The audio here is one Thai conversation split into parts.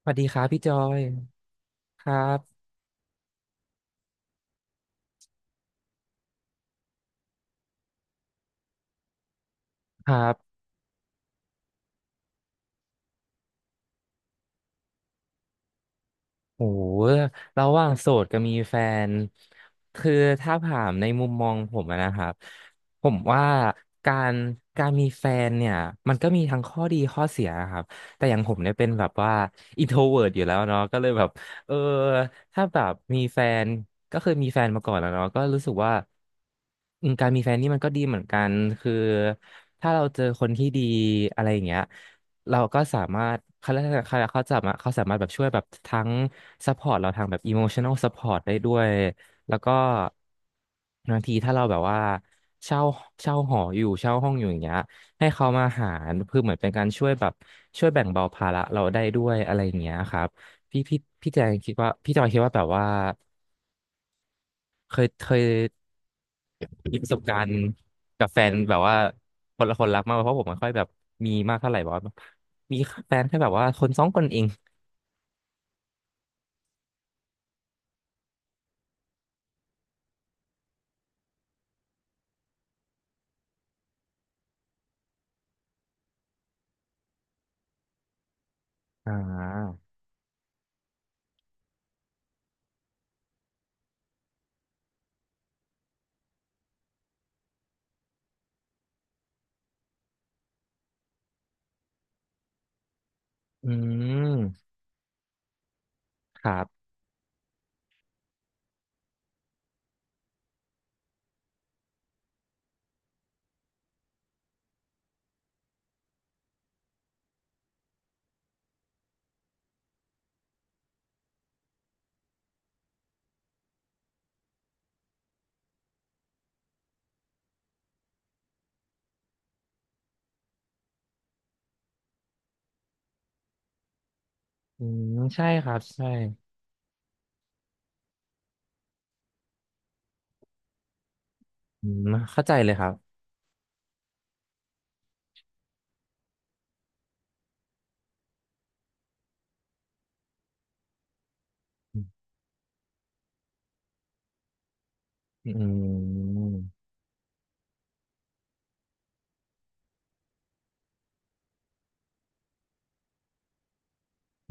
สวัสดีครับพี่จอยครับครับโหระหว่างโสดกับมีแฟนคือถ้าถามในมุมมองผมอะนะครับผมว่าการการมีแฟนเนี่ยมันก็มีทั้งข้อดีข้อเสียครับแต่อย่างผมเนี่ยเป็นแบบว่าอินโทเวิร์อยู่แล้วเนาะก็เลยแบบเออถ้าแบบมีแฟนก็เคยมีแฟนมาก่อนแล้วเนาะก็รู้สึกว่าอืมการมีแฟนนี่มันก็ดีเหมือนกันคือถ้าเราเจอคนที่ดีอะไรอย่างเงี้ย เราก็สามารถเขาเรียกอะไรเขาเขาจะมาเขาสามารถแบบช่วยแบบทั้งซัพพอร์ตเราทางแบบ e m o t i o n a l Support ได้ด้วยแล้วก็บางทีถ้าเราแบบว่าเช่าเช่าหออยู่เช่าห้องอยู่อย่างเงี้ยให้เขามาหารเพือเหมือนเป็นการช่วยแบบช่วยแบ่งเบาภาระเราได้ด้วยอะไรอย่างเงี้ยครับพี่พี่พี่แจงคิดว่าพี่จอยคิดว่าแบบว่าเคยมีประสบการณ์กับแฟนแบบว่าคนละคนรักมากกว่าเพราะผมไม่ค่อยแบบมีมากเท่าไหร่บอกว่ามีแฟนแค่แบบว่าคนสองคนเอง อ่าอืมครับอืมใช่ครับใช่อืมเข้าใจเลยครับอืม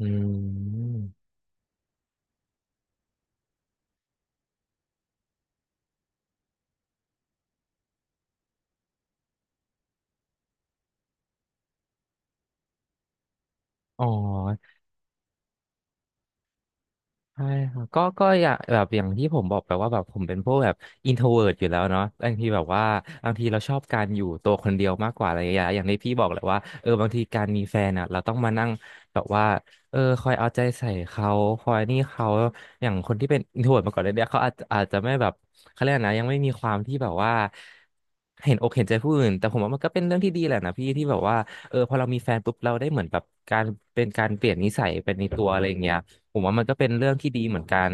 อืมอ๋อ ใช่ครับก็อย่างแบบอย่างที่ผมบอกไปว่าแบบผมเป็นพวกแบบอินโทรเวิร์ตอยู่แล้วเนาะบางทีแบบว่าบางทีเราชอบการอยู่ตัวคนเดียวมากกว่าอะไรอย่างเงี้ยอย่างที่พี่บอกแหละว่าเออบางทีการมีแฟนอ่ะเราต้องมานั่งแบบว่าคอยเอาใจใส่เขาคอยนี่เขาอย่างคนที่เป็นอินโทรเวิร์ตมาก่อนเลยเนี่ยเขาอาจจะไม่แบบเขาเรียกอะไรนะยังไม่มีความที่แบบว่าเห็นอกเห็นใจผู้อื่นแต่ผมว่ามันก็เป็นเรื่องที่ดีแหละนะพี่ที่แบบว่าเออพอเรามีแฟนปุ๊บเราได้เหมือนแบบการเป็นการเปลี่ยนนิสัยเป็นในตัวอะไรอย่างเงี้ย ผมว่ามันก็เป็นเรื่องที่ดีเหมือนกัน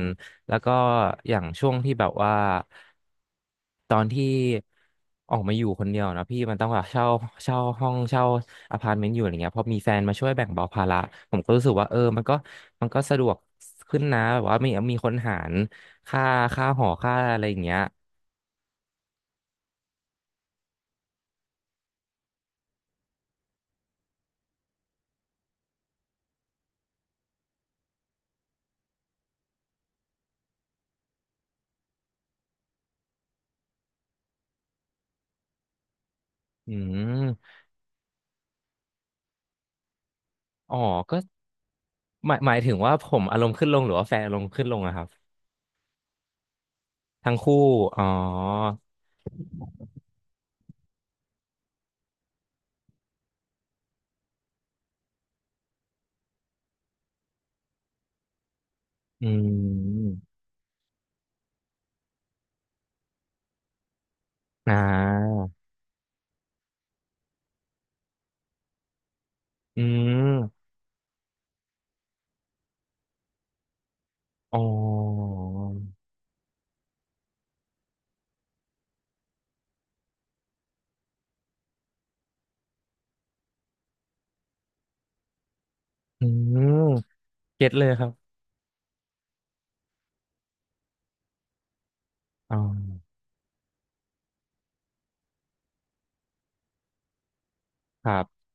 แล้วก็อย่างช่วงที่แบบว่าตอนที่ออกมาอยู่คนเดียวนะพี่มันต้องแบบเช่าห้องเช่าอพาร์ตเมนต์อยู่อะไรเงี้ยพอมีแฟนมาช่วยแบ่งเบาภาระผมก็รู้สึกว่าเออมันก็สะดวกขึ้นนะแบบว่ามีคนหารค่าค่าหอค่าอะไรอย่างเงี้ยอืมอ๋อก็หมายถึงว่าผมอารมณ์ขึ้นลงหรือว่าแฟนอารมณ์ขึ้นลงอะครับทั้งคู่อ๋ออืมอ่าอืม อ๋ออืมเก็ตเลยครับอ๋อครับ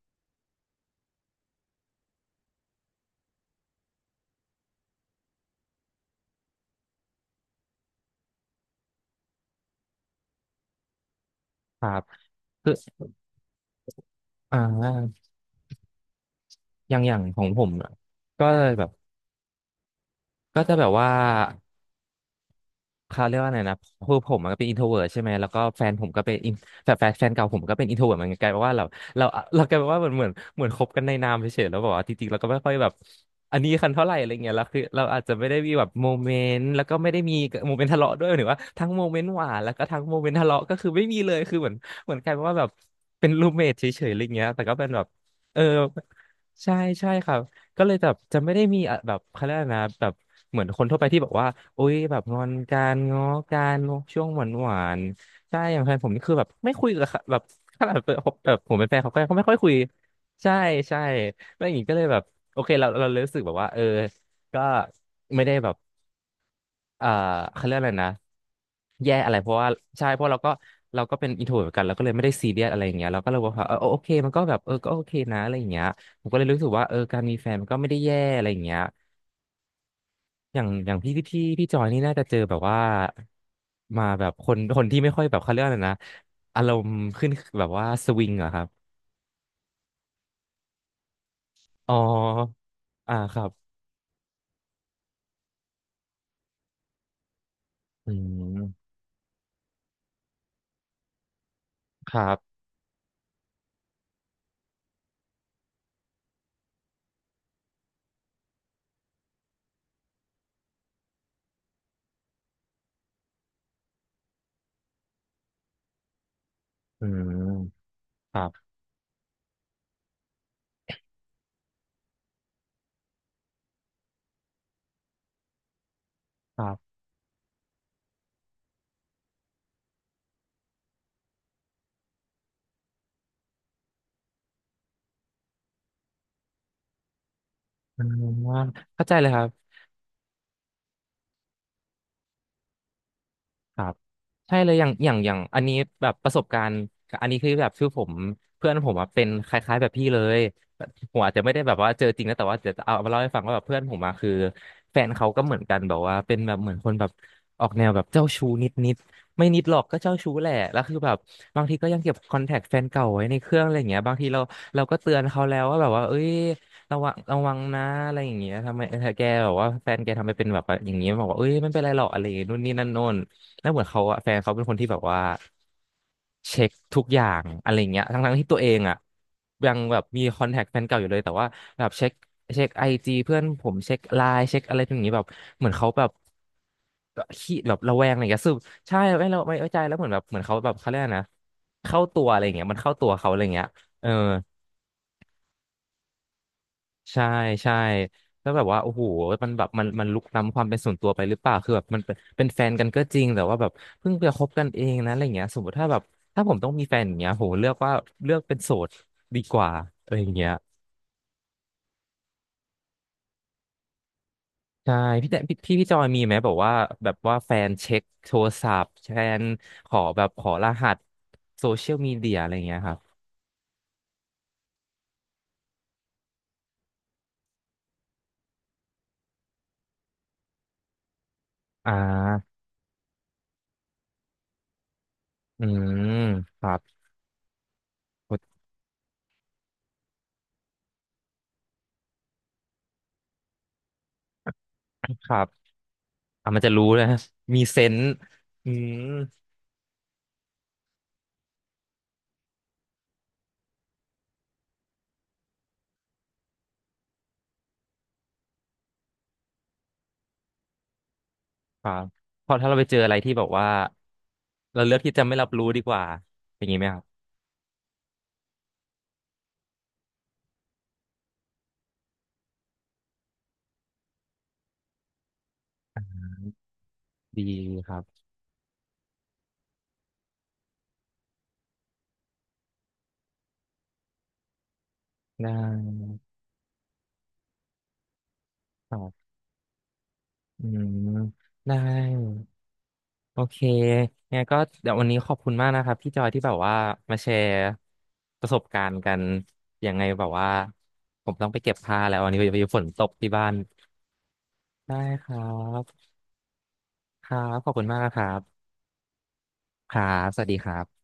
ครับคืออ่าอย่างอย่างของผมอะก็เลยแบบก็จะแบบว่า เขาเรียกว่าไงนะคือผมมันก็เป็นอินโทรเวิร์ใช่ไหมแล้วก็แฟนผมก็เป็น in- แฟนเก่าผมก็เป็นอินโทรเวิร์เหมือนกันกลายเป็นว่าเราเรากลายเป็นว่าเหมือนคบกันในนามเฉยๆแล้วบอกว่าจริงๆเราก็ไม่ค่อยแบบอันนี้กันเท่าไหร่อะไรเงี้ยแล้วคือเราอาจจะไม่ได้มีแบบโมเมนต์แล้วก็ไม่ได้มีโมเมนต์ทะเลาะด้วยหรือว่าทั้งโมเมนต์หวานแล้วก็ทั้งโมเมนต์ทะเลาะก็คือไม่มีเลยคือเหมือนกลายเป็นว่าแบบเป็นรูมเมทเฉยๆอะไรเงี้ยแต่ก็เป็นแบบเออใช่ใช่ค่ะ ก็เลยแบบจะไม่ได้มีอะแบบเขาเรียกอะไรนะแบบเหมือนคนทั่วไปที่บอกว่าโอ๊ยแบบงอนการง้อการช่วงหวานใช่อย่างแฟนผมนี่คือแบบไม่คุยกับเขาแบบขนาดแบบผมเป็นแฟนเขาก็เขาไม่ค่อยคุยใช่ใช่แล้วอย่างนี้ก็เลยแบบโอเคเรารู้สึกแบบว่าเออก็ไม่ได้แบบ เอ่อเขาเรียกอะไรนะแย่อะไรเพราะว่าใช่เพราะเราก็เป็นอินโทรเหมือนกันเราก็เลยไม่ได้ซีเรียสอะไรอย่างเงี้ยเราก็เลยบอกว่าเออโอเคมันก็แบบเออก็โอเคนะอะไรอย่างเงี้ยผมก็เลยรู้สึกว่าเออการมีแฟนมันก็ไม่ได้แย่อะไรอย่างเงี้ยอย่างอย่างพี่ที่พี่จอยนี่น่าจะเจอแบบว่ามาแบบคนที่ไม่ค่อยแบบเขาเรียกอะไรนะอารมณ์ขึ้นแบบว่าสวิงเหรอะครับอ๋ออ่าครับอืมครับอืมครับครับอืมเข้าใจเลยครับ ครับใช่เลยอย่างอันนี้แบบประสบการณ์อันนี้คือแบบคือผมเพื่อนผมอะเป็นคล้ายๆแบบพี่เลยผมอาจจะไม่ได้แบบว่าเจอจริงนะแต่ว่าเดี๋ยวจะเอามาเล่าให้ฟังว่าแบบเพื่อนผมอะคือแฟนเขาก็เหมือนกันแบบว่าเป็นแบบเหมือนคนแบบออกแนวแบบเจ้าชู้นิดๆไม่นิดหรอกก็เจ้าชู้แหละแล้วคือแบบบางทีก็ยังเก็บคอนแทคแฟนเก่าไว้ในเครื่องอะไรอย่างเงี้ยบางทีเราก็เตือนเขาแล้วว่าแบบว่าเอ้ยระวังระวังนะอะไรอย่างเงี้ยทำไมเออแกแบบว่าแฟนแกทำไมเป็นแบบว่าอย่างเงี้ยบอกว่าเอ้ยไม่เป็นไรหรอกอะไรอย่างงี้นู่นนี่นั่นโน่น แล้วเหมือนเขาอะแฟนเขาเป็นคนที่แบบว่าเช็คทุกอย่างอะไรเงี้ยทั้งๆที่ตัวเองอ่ะยังแบบมีคอนแทคแฟนเก่าอยู่เลยแต่ว่าแบบเช็คไอจีเพื่อนผมเช็คไลน์เช็คอะไรอย่างนี้แบบเหมือนเขาแบบขี้แบบระแวงอะไรเงี้ยซึ่งใช่ไม่เราไม่ไว้ใจแล้วเหมือนแบบเหมือนเขาแบบเขาเรียกอะไรนะเข้าตัวอะไรเงี้ยมันเข้าตัวเขาอะไรเงี้ยเออ ใช่ใช่แล้วแบบว่าโอ้โหมันแบบมันลุกล้ำความเป็นส่วนตัวไปหรือเปล่าคือแบบมันเป็นแฟนกันก็จริงแต่ว่าแบบเพิ่งไปคบกันเองนะอะไรเงี้ยสมมติถ้าแบบถ้าผมต้องมีแฟนอย่างเงี้ยผมเลือกว่าเลือกเป็นโสดดีกว่าอะไรอย่างเงี้ยใช่พี่แต่พี่จอยมีไหมแบบว่าแบบว่าแฟนเช็คโทรศัพท์แฟนขอแบบขอรหัสโซเชียลมีเดียอะไรเงี้ยครับอ่าอืมครับครับอ่ะมันจะรู้นะมีเซนส์อืม ครับพอถ้าเราไปเจออะไรที่แบบว่าเราเลือกที่จะไม่รับรู้ดีกว่าอย่างนี้ไหมครับดีครับได้ครับอืมได้โอเคงั้นก็เดี๋ยววันนี้ขอบคุณมากนะครับพี่จอยที่แบบว่ามาแชร์ประสบการณ์กันยังไงแบบว่าผมต้องไปเก็บผ้าแล้ววันนี้ไปฝนตกที่บ้านได้ครับครับขอบคุณมากครับครับสวัสดีครับ